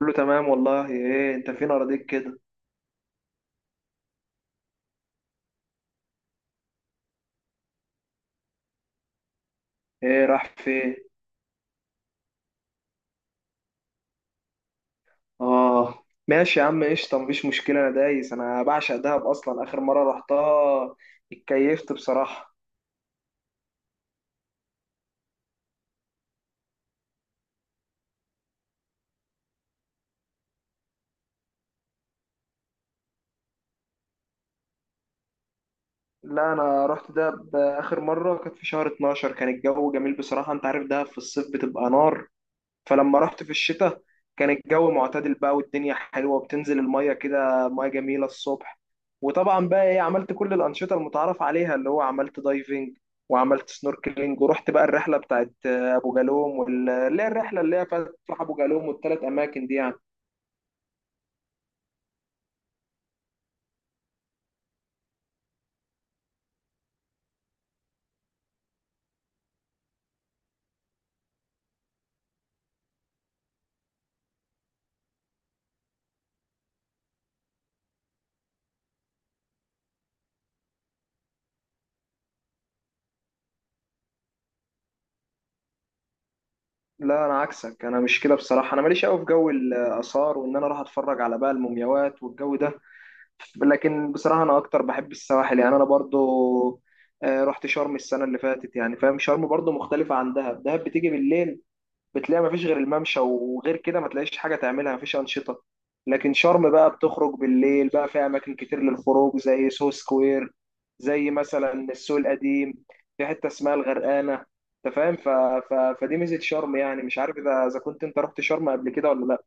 كله تمام والله. ايه انت فين اراضيك كده؟ ايه راح فين؟ اه ماشي يا عم، قشطه، مفيش مشكله، انا دايس، انا بعشق دهب اصلا. اخر مره رحتها اتكيفت بصراحه. لا انا رحت دهب اخر مره كانت في شهر 12، كان الجو جميل بصراحه. انت عارف دهب في الصيف بتبقى نار، فلما رحت في الشتاء كان الجو معتدل بقى والدنيا حلوة وبتنزل المية كده، مية جميلة الصبح. وطبعا بقى ايه، عملت كل الأنشطة المتعارف عليها، اللي هو عملت دايفنج وعملت سنوركلينج، ورحت بقى الرحلة بتاعت أبو جالوم اللي هي الرحلة اللي هي فتح أبو جالوم والثلاث أماكن دي يعني. لا أنا عكسك، أنا مش كده بصراحة، أنا ماليش قوي في جو الآثار وإن أنا أروح أتفرج على بقى المومياوات والجو ده. لكن بصراحة أنا أكتر بحب السواحل، يعني أنا برضو رحت شرم السنة اللي فاتت، يعني فاهم، شرم برضو مختلفة عن دهب. دهب بتيجي بالليل بتلاقي مفيش غير الممشى، وغير كده ما تلاقيش حاجة تعملها، مفيش أنشطة. لكن شرم بقى بتخرج بالليل، بقى فيها أماكن كتير للخروج، زي سو سكوير، زي مثلا السوق القديم، في حتة اسمها الغرقانة، أنت فاهم. ف... ف... فدي ميزة شرم، يعني مش عارف إذا كنت أنت رحت شرم قبل كده ولا لأ.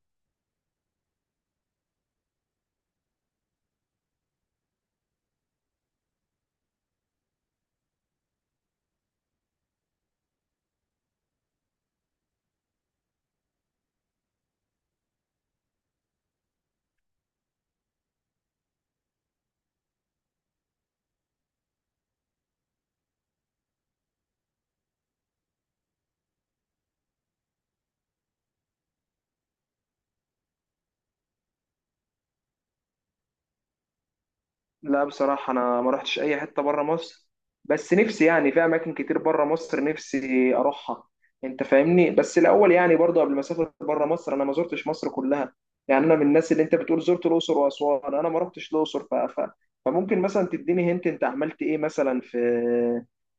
لا بصراحة أنا ما رحتش أي حتة برا مصر، بس نفسي يعني في أماكن كتير برا مصر نفسي أروحها، أنت فاهمني. بس الأول يعني برضه قبل ما أسافر برا مصر، أنا ما زرتش مصر كلها. يعني أنا من الناس اللي أنت بتقول زرت الأقصر وأسوان، أنا ما رحتش الأقصر. ف... ف... فممكن مثلا تديني هنت أنت عملت إيه مثلا في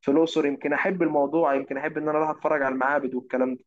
في الأقصر. يمكن أحب الموضوع، يمكن أحب إن أنا أروح أتفرج على المعابد والكلام ده.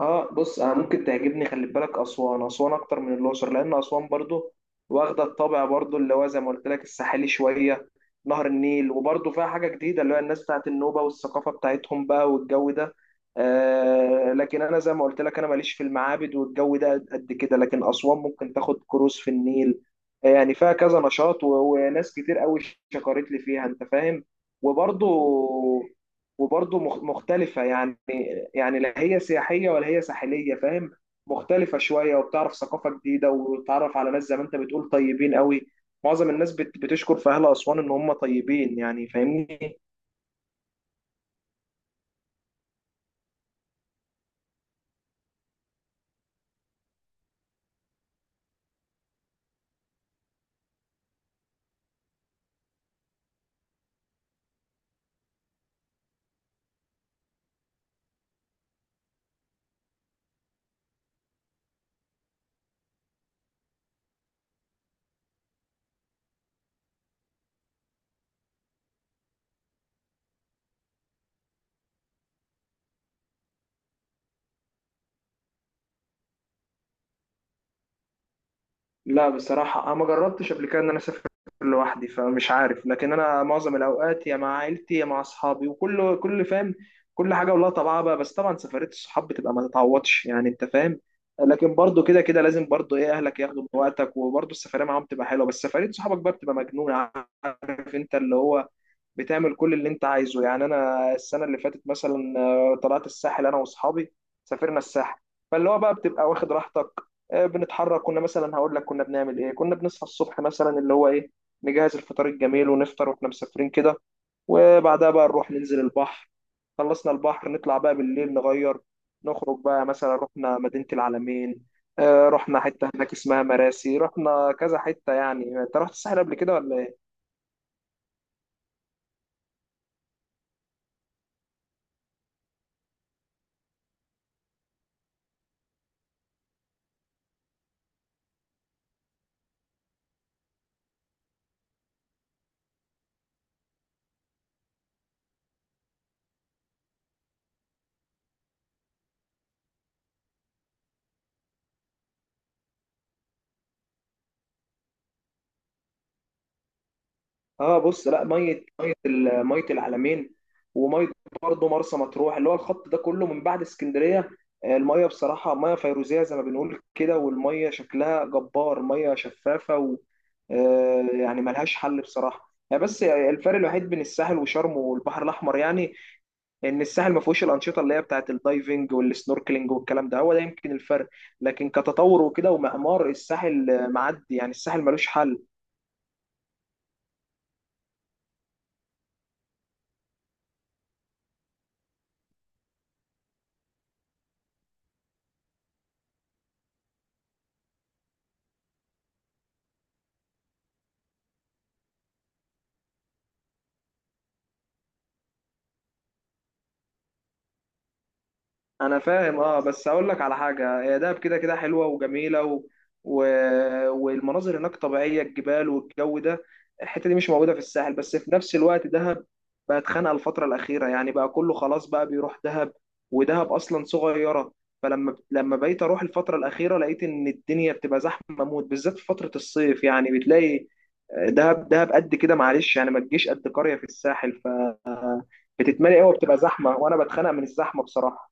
اه بص، انا ممكن تعجبني، خلي بالك، اسوان، اسوان اكتر من الاقصر، لان اسوان برضو واخده الطابع برضو اللي هو زي ما قلت لك الساحلي شويه، نهر النيل، وبرضو فيها حاجه جديده، اللي هو الناس بتاعت النوبه والثقافه بتاعتهم بقى والجو ده. آه لكن انا زي ما قلت لك انا ماليش في المعابد والجو ده قد كده، لكن اسوان ممكن تاخد كروز في النيل. يعني فيها كذا نشاط وناس كتير قوي شكرت لي فيها، انت فاهم. وبرضو وبرضو مختلفه يعني، يعني لا هي سياحية ولا هي ساحلية، فاهم؟ مختلفة شوية، وبتعرف ثقافة جديدة وتتعرف على ناس زي ما انت بتقول طيبين قوي. معظم الناس بتشكر في أهل أسوان إن هم طيبين، يعني فاهمني. لا بصراحة أنا ما جربتش قبل كده إن أنا أسافر لوحدي، فمش عارف، لكن أنا معظم الأوقات يا مع عيلتي يا مع أصحابي، وكل فاهم، كل حاجة ولها طبعها بقى. بس طبعا سفرية الصحاب بتبقى ما تتعوضش، يعني أنت فاهم. لكن برضو كده كده لازم برضو إيه، أهلك ياخدوا من وقتك، وبرضو السفرية معاهم بتبقى حلوة، بس سفرية صحابك بقى بتبقى مجنونة. عارف أنت، اللي هو بتعمل كل اللي انت عايزه. يعني انا السنه اللي فاتت مثلا طلعت الساحل انا واصحابي، سافرنا الساحل، فاللي هو بقى بتبقى واخد راحتك. بنتحرك كنا مثلا، هقول لك كنا بنعمل ايه، كنا بنصحى الصبح مثلا اللي هو ايه، نجهز الفطار الجميل ونفطر واحنا مسافرين كده، وبعدها بقى نروح ننزل البحر، خلصنا البحر نطلع بقى بالليل نغير، نخرج بقى مثلا رحنا مدينة العلمين. رحنا حتة هناك اسمها مراسي، رحنا كذا حتة. يعني انت رحت الساحل قبل كده ولا؟ اه بص، لا ميه، ميه ميه العلمين وميه برضه مرسى مطروح اللي هو الخط ده كله من بعد اسكندريه. الميه بصراحه ميه فيروزيه زي ما بنقول كده، والميه شكلها جبار، ميه شفافه و يعني ملهاش حل بصراحه يعني. بس الفرق الوحيد بين الساحل وشرم والبحر الاحمر يعني، ان الساحل ما فيهوش الانشطه اللي هي بتاعت الدايفنج والسنوركلينج والكلام ده، هو ده يمكن الفرق. لكن كتطور وكده ومعمار الساحل معدي، يعني الساحل ملوش حل. انا فاهم اه، بس اقول لك على حاجه، هي دهب كده كده حلوه وجميله و... و... والمناظر هناك طبيعيه، الجبال والجو ده، الحته دي مش موجوده في الساحل. بس في نفس الوقت دهب بقت خانقه الفتره الاخيره، يعني بقى كله خلاص بقى بيروح دهب، ودهب اصلا صغيره. فلما بقيت اروح الفتره الاخيره لقيت ان الدنيا بتبقى زحمه موت، بالذات في فتره الصيف، يعني بتلاقي دهب، دهب قد كده معلش، يعني ما تجيش قد قريه في الساحل، فبتتملي قوي وبتبقى زحمه، وانا بتخنق من الزحمه بصراحه.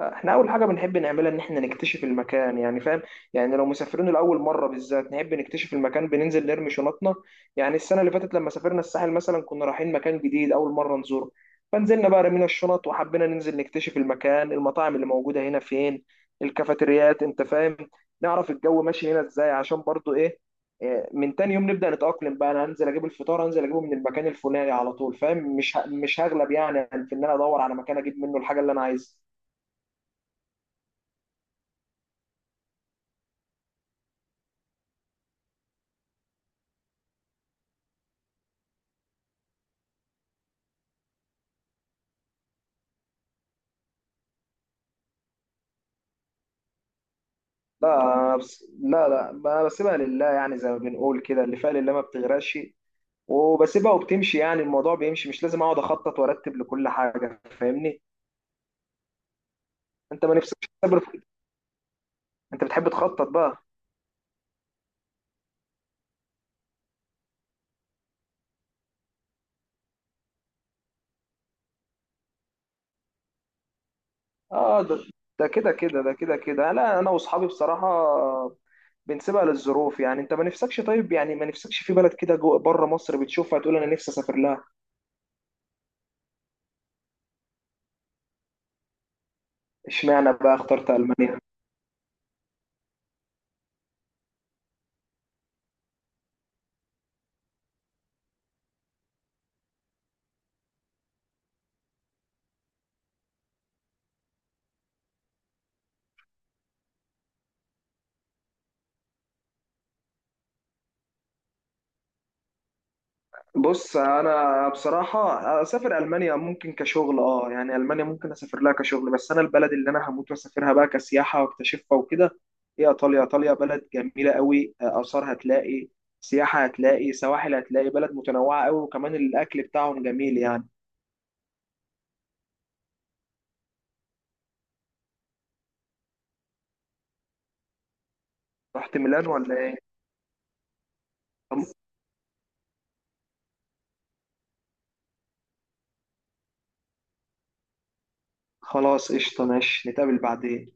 احنا اول حاجه بنحب نعملها ان احنا نكتشف المكان، يعني فاهم. يعني لو مسافرين لاول مره بالذات نحب نكتشف المكان، بننزل نرمي شنطنا. يعني السنه اللي فاتت لما سافرنا الساحل مثلا، كنا رايحين مكان جديد اول مره نزوره، فنزلنا بقى رمينا الشنط وحبينا ننزل نكتشف المكان، المطاعم اللي موجوده هنا فين، الكافيتريات، انت فاهم، نعرف الجو ماشي هنا ازاي، عشان برضو ايه، من تاني يوم نبدا نتاقلم بقى، انا هنزل اجيب الفطار، هنزل اجيبه من المكان الفلاني على طول، فاهم، مش مش هغلب يعني في ان انا ادور على مكان اجيب منه الحاجه اللي انا عايزها. لا بس لا بسيبها لله، يعني زي ما بنقول كده، اللي فيها لله ما بتغرقش، وبسيبها وبتمشي، يعني الموضوع بيمشي، مش لازم اقعد اخطط وارتب لكل حاجه، فاهمني. انت ما نفسكش تسافر انت بتحب تخطط بقى؟ اه ده، ده كده كده، ده كده كده، لا انا واصحابي بصراحه بنسيبها للظروف. يعني انت ما نفسكش، طيب يعني ما نفسكش في بلد كده جوه بره مصر بتشوفها تقول انا نفسي اسافر لها؟ اشمعنى بقى اخترت المانيا؟ بص انا بصراحه اسافر المانيا ممكن كشغل، اه يعني المانيا ممكن اسافر لها كشغل، بس انا البلد اللي انا هموت واسافرها بقى كسياحه واكتشفها وكده هي ايطاليا. ايطاليا بلد جميله قوي، اثار هتلاقي، سياحه هتلاقي، سواحل هتلاقي، بلد متنوعه قوي، وكمان الاكل بتاعهم جميل يعني. رحت ميلان ولا ايه؟ خلاص قشطه، ماشي، نتقابل بعدين.